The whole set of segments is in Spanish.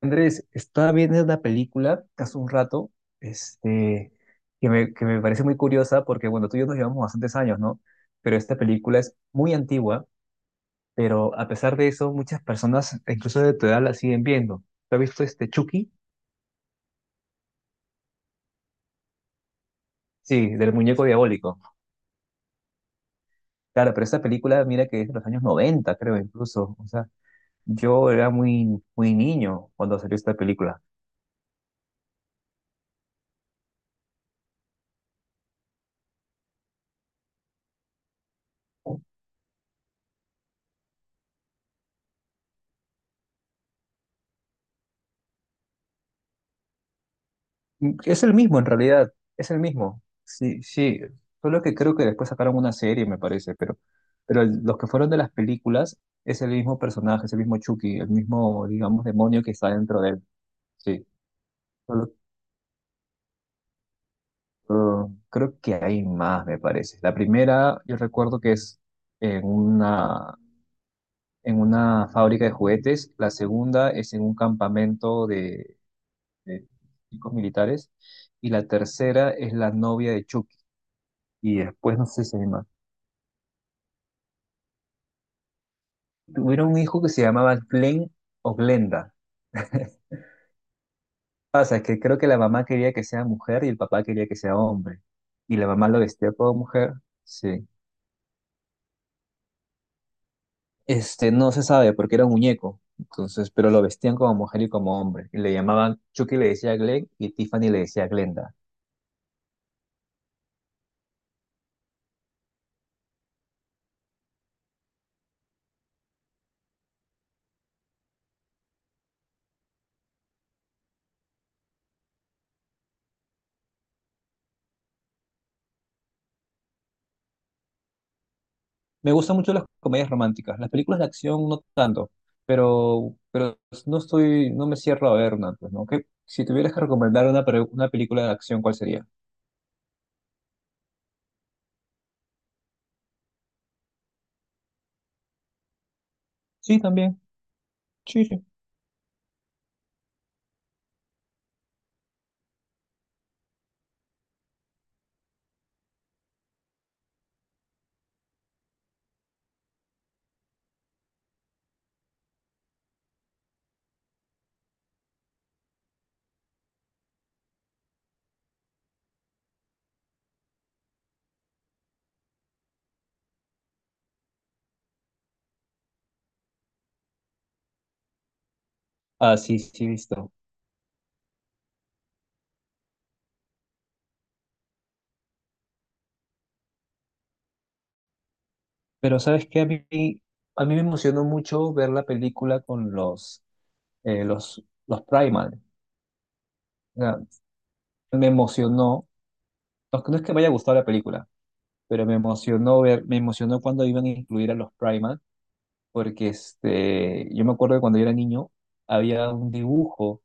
Andrés, estaba viendo una película hace un rato, este, que me parece muy curiosa porque, bueno, tú y yo nos llevamos bastantes años, ¿no? Pero esta película es muy antigua, pero a pesar de eso, muchas personas, incluso de tu edad, la siguen viendo. ¿Tú has visto este Chucky? Sí, del muñeco diabólico. Claro, pero esta película, mira que es de los años 90, creo, incluso. O sea, yo era muy, muy niño cuando salió esta película. Es el mismo en realidad, es el mismo. Sí, sí. Solo que creo que después sacaron una serie, me parece, pero los que fueron de las películas es el mismo personaje, es el mismo Chucky, el mismo, digamos, demonio que está dentro de él. Sí. Solo, Creo que hay más, me parece. La primera, yo recuerdo que es en una, en una fábrica de juguetes, la segunda es en un campamento de chicos militares y la tercera es la novia de Chucky. Y después no sé si hay más. Tuvieron un hijo que se llamaba Glenn o Glenda. Pasa que creo que la mamá quería que sea mujer y el papá quería que sea hombre. Y la mamá lo vestía como mujer, sí. No se sabe porque era un muñeco. Entonces, pero lo vestían como mujer y como hombre. Y le llamaban, Chucky le decía Glenn y Tiffany le decía Glenda. Me gustan mucho las comedias románticas. Las películas de acción no tanto, pero no me cierro a ver una, pues, ¿no? Si tuvieras que recomendar una, una película de acción, ¿cuál sería? Sí, también. Sí, sí. Ah, sí, sí, he visto. Pero ¿sabes qué? A mí me emocionó mucho ver la película con los Primal. O sea, me emocionó. No, no es que me haya gustado la película, pero me emocionó ver, me emocionó cuando iban a incluir a los Primal, porque yo me acuerdo que cuando yo era niño había un dibujo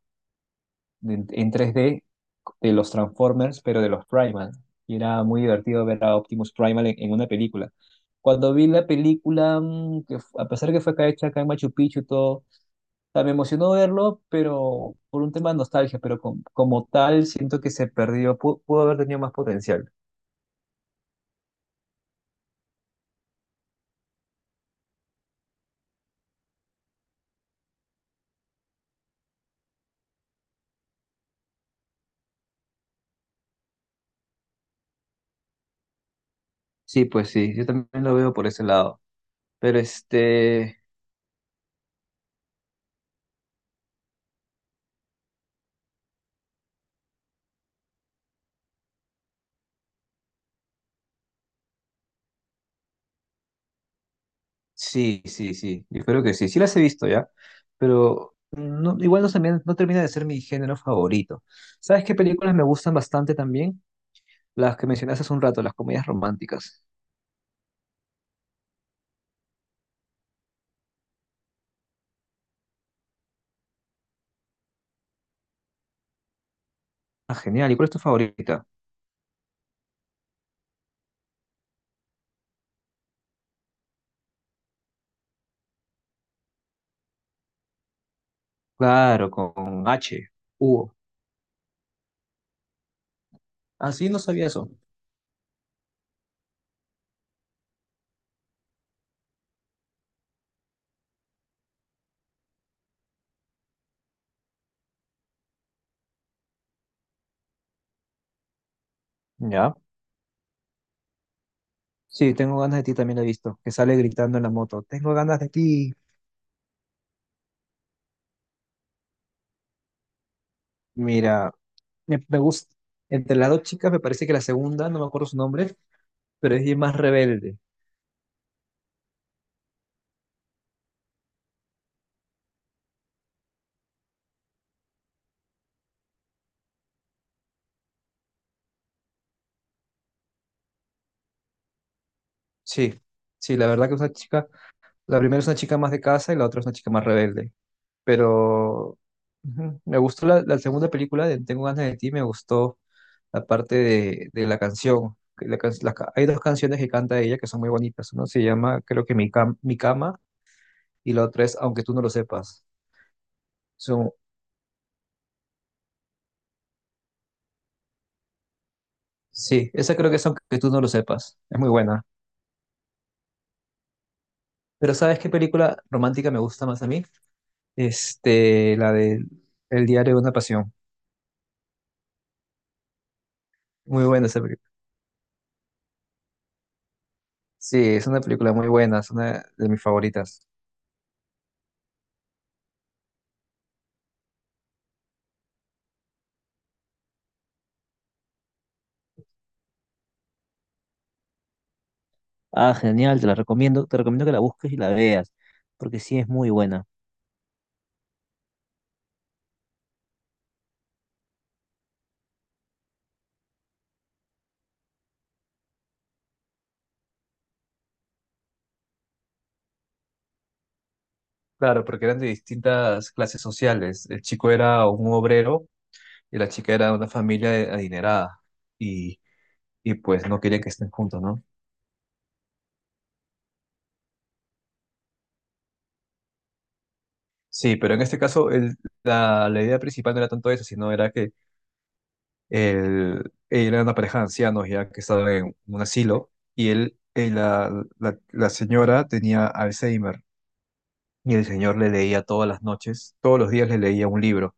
en tres d de los Transformers, pero de los Primal. Y era muy divertido ver a Optimus Primal en una película. Cuando vi la película, que a pesar que fue acá hecha acá en Machu Picchu y todo, o sea, me emocionó verlo, pero por un tema de nostalgia, pero como tal siento que se perdió, pudo haber tenido más potencial. Sí, pues sí, yo también lo veo por ese lado. Pero este, sí, sí, sí, yo creo que sí, sí las he visto ya, pero no, igual no, no termina de ser mi género favorito. ¿Sabes qué películas me gustan bastante también? Las que mencionaste hace un rato, las comedias románticas. Ah, genial, ¿y cuál es tu favorita? Claro, con H, Hugo. Ah, sí, no sabía eso. Ya. Sí, tengo ganas de ti también la he visto, que sale gritando en la moto. Tengo ganas de ti. Mira, me gusta. Entre las dos chicas me parece que la segunda, no me acuerdo su nombre, pero es bien más rebelde. Sí, sí, la primera es una chica más de casa y la otra es una chica más rebelde, pero ujú, me gustó la segunda película de Tengo ganas de ti, me gustó la parte de la canción. Que la can- la ca- hay dos canciones que canta ella que son muy bonitas, una se llama creo que Mi Cama y la otra es Aunque tú no lo sepas. Son, sí, esa creo que es Aunque tú no lo sepas, es muy buena. Pero ¿sabes qué película romántica me gusta más a mí? La de El diario de una pasión. Muy buena esa. Sí, es una película muy buena, es una de mis favoritas. Ah, genial, te la recomiendo, te recomiendo que la busques y la veas, porque sí es muy buena. Claro, porque eran de distintas clases sociales. El chico era un obrero y la chica era de una adinerada y, y pues no querían que estén juntos, ¿no? Sí, pero en este caso la idea principal no era tanto eso, sino era que él, era una pareja de ancianos ya que estaba en un asilo y él, la señora tenía Alzheimer y el señor le leía todas las noches, todos los días le leía un libro,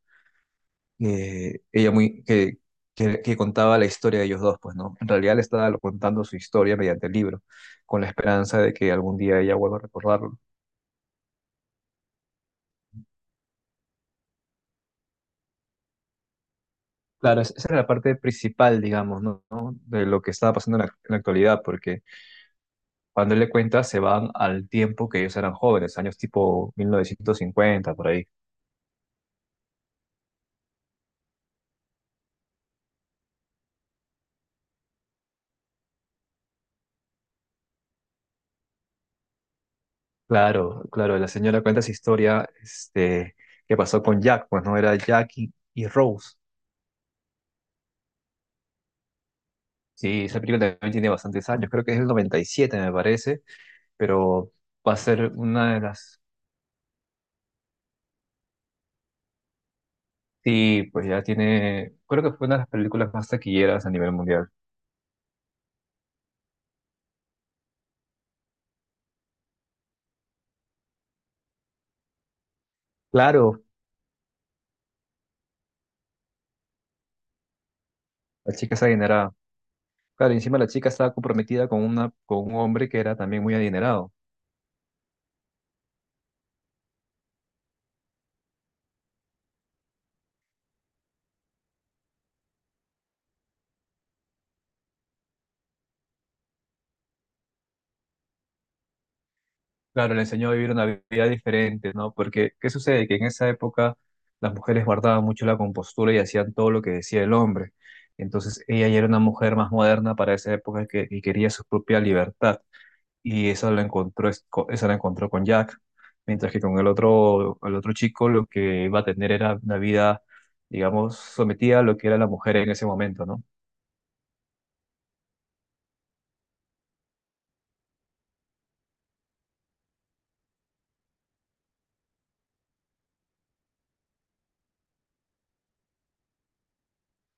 ella muy, que contaba la historia de ellos dos, pues, ¿no? En realidad le estaba contando su historia mediante el libro, con la esperanza de que algún día ella vuelva a recordarlo. Claro, esa era la parte principal, digamos, ¿no? ¿No? De lo que estaba pasando en en la actualidad, porque cuando él le cuenta se van al tiempo que ellos eran jóvenes, años tipo 1950, por ahí. Claro, claro, la señora cuenta esa historia, que pasó con Jack, pues, ¿no? Era Jack y Rose. Sí, esa película también tiene bastantes años, creo que es el 97 me parece, pero va a ser una de las... Sí, pues ya tiene, creo que fue una de las películas más taquilleras a nivel mundial. Claro, la chica es adinerada. Claro, y encima la chica estaba comprometida con un hombre que era también muy adinerado. Claro, le enseñó a vivir una vida diferente, ¿no? Porque, ¿qué sucede? Que en esa época las mujeres guardaban mucho la compostura y hacían todo lo que decía el hombre. Entonces ella ya era una mujer más moderna para esa época y quería su propia libertad. Y esa la encontró, esa la encontró con Jack, mientras que con el otro chico lo que iba a tener era una vida, digamos, sometida a lo que era la mujer en ese momento, ¿no?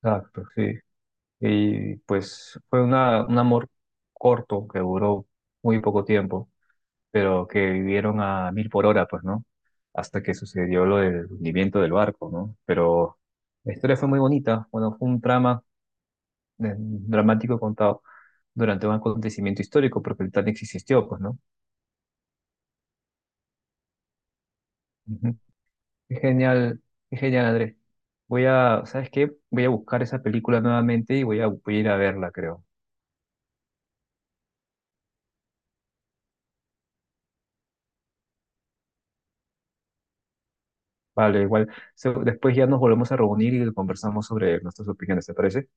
Exacto, sí. Y pues fue una, un amor corto que duró muy poco tiempo, pero que vivieron a mil por hora, pues, ¿no? Hasta que sucedió lo del hundimiento del barco, ¿no? Pero la historia fue muy bonita, bueno, fue un trama dramático contado durante un acontecimiento histórico, porque el Titanic sí existió, pues, ¿no? Ujú. Qué genial, qué genial, Andrés. Voy a, ¿sabes qué? Voy a buscar esa película nuevamente y voy a, voy a ir a verla, creo. Vale, igual, después ya nos volvemos a reunir y conversamos sobre nuestras opiniones, ¿te parece?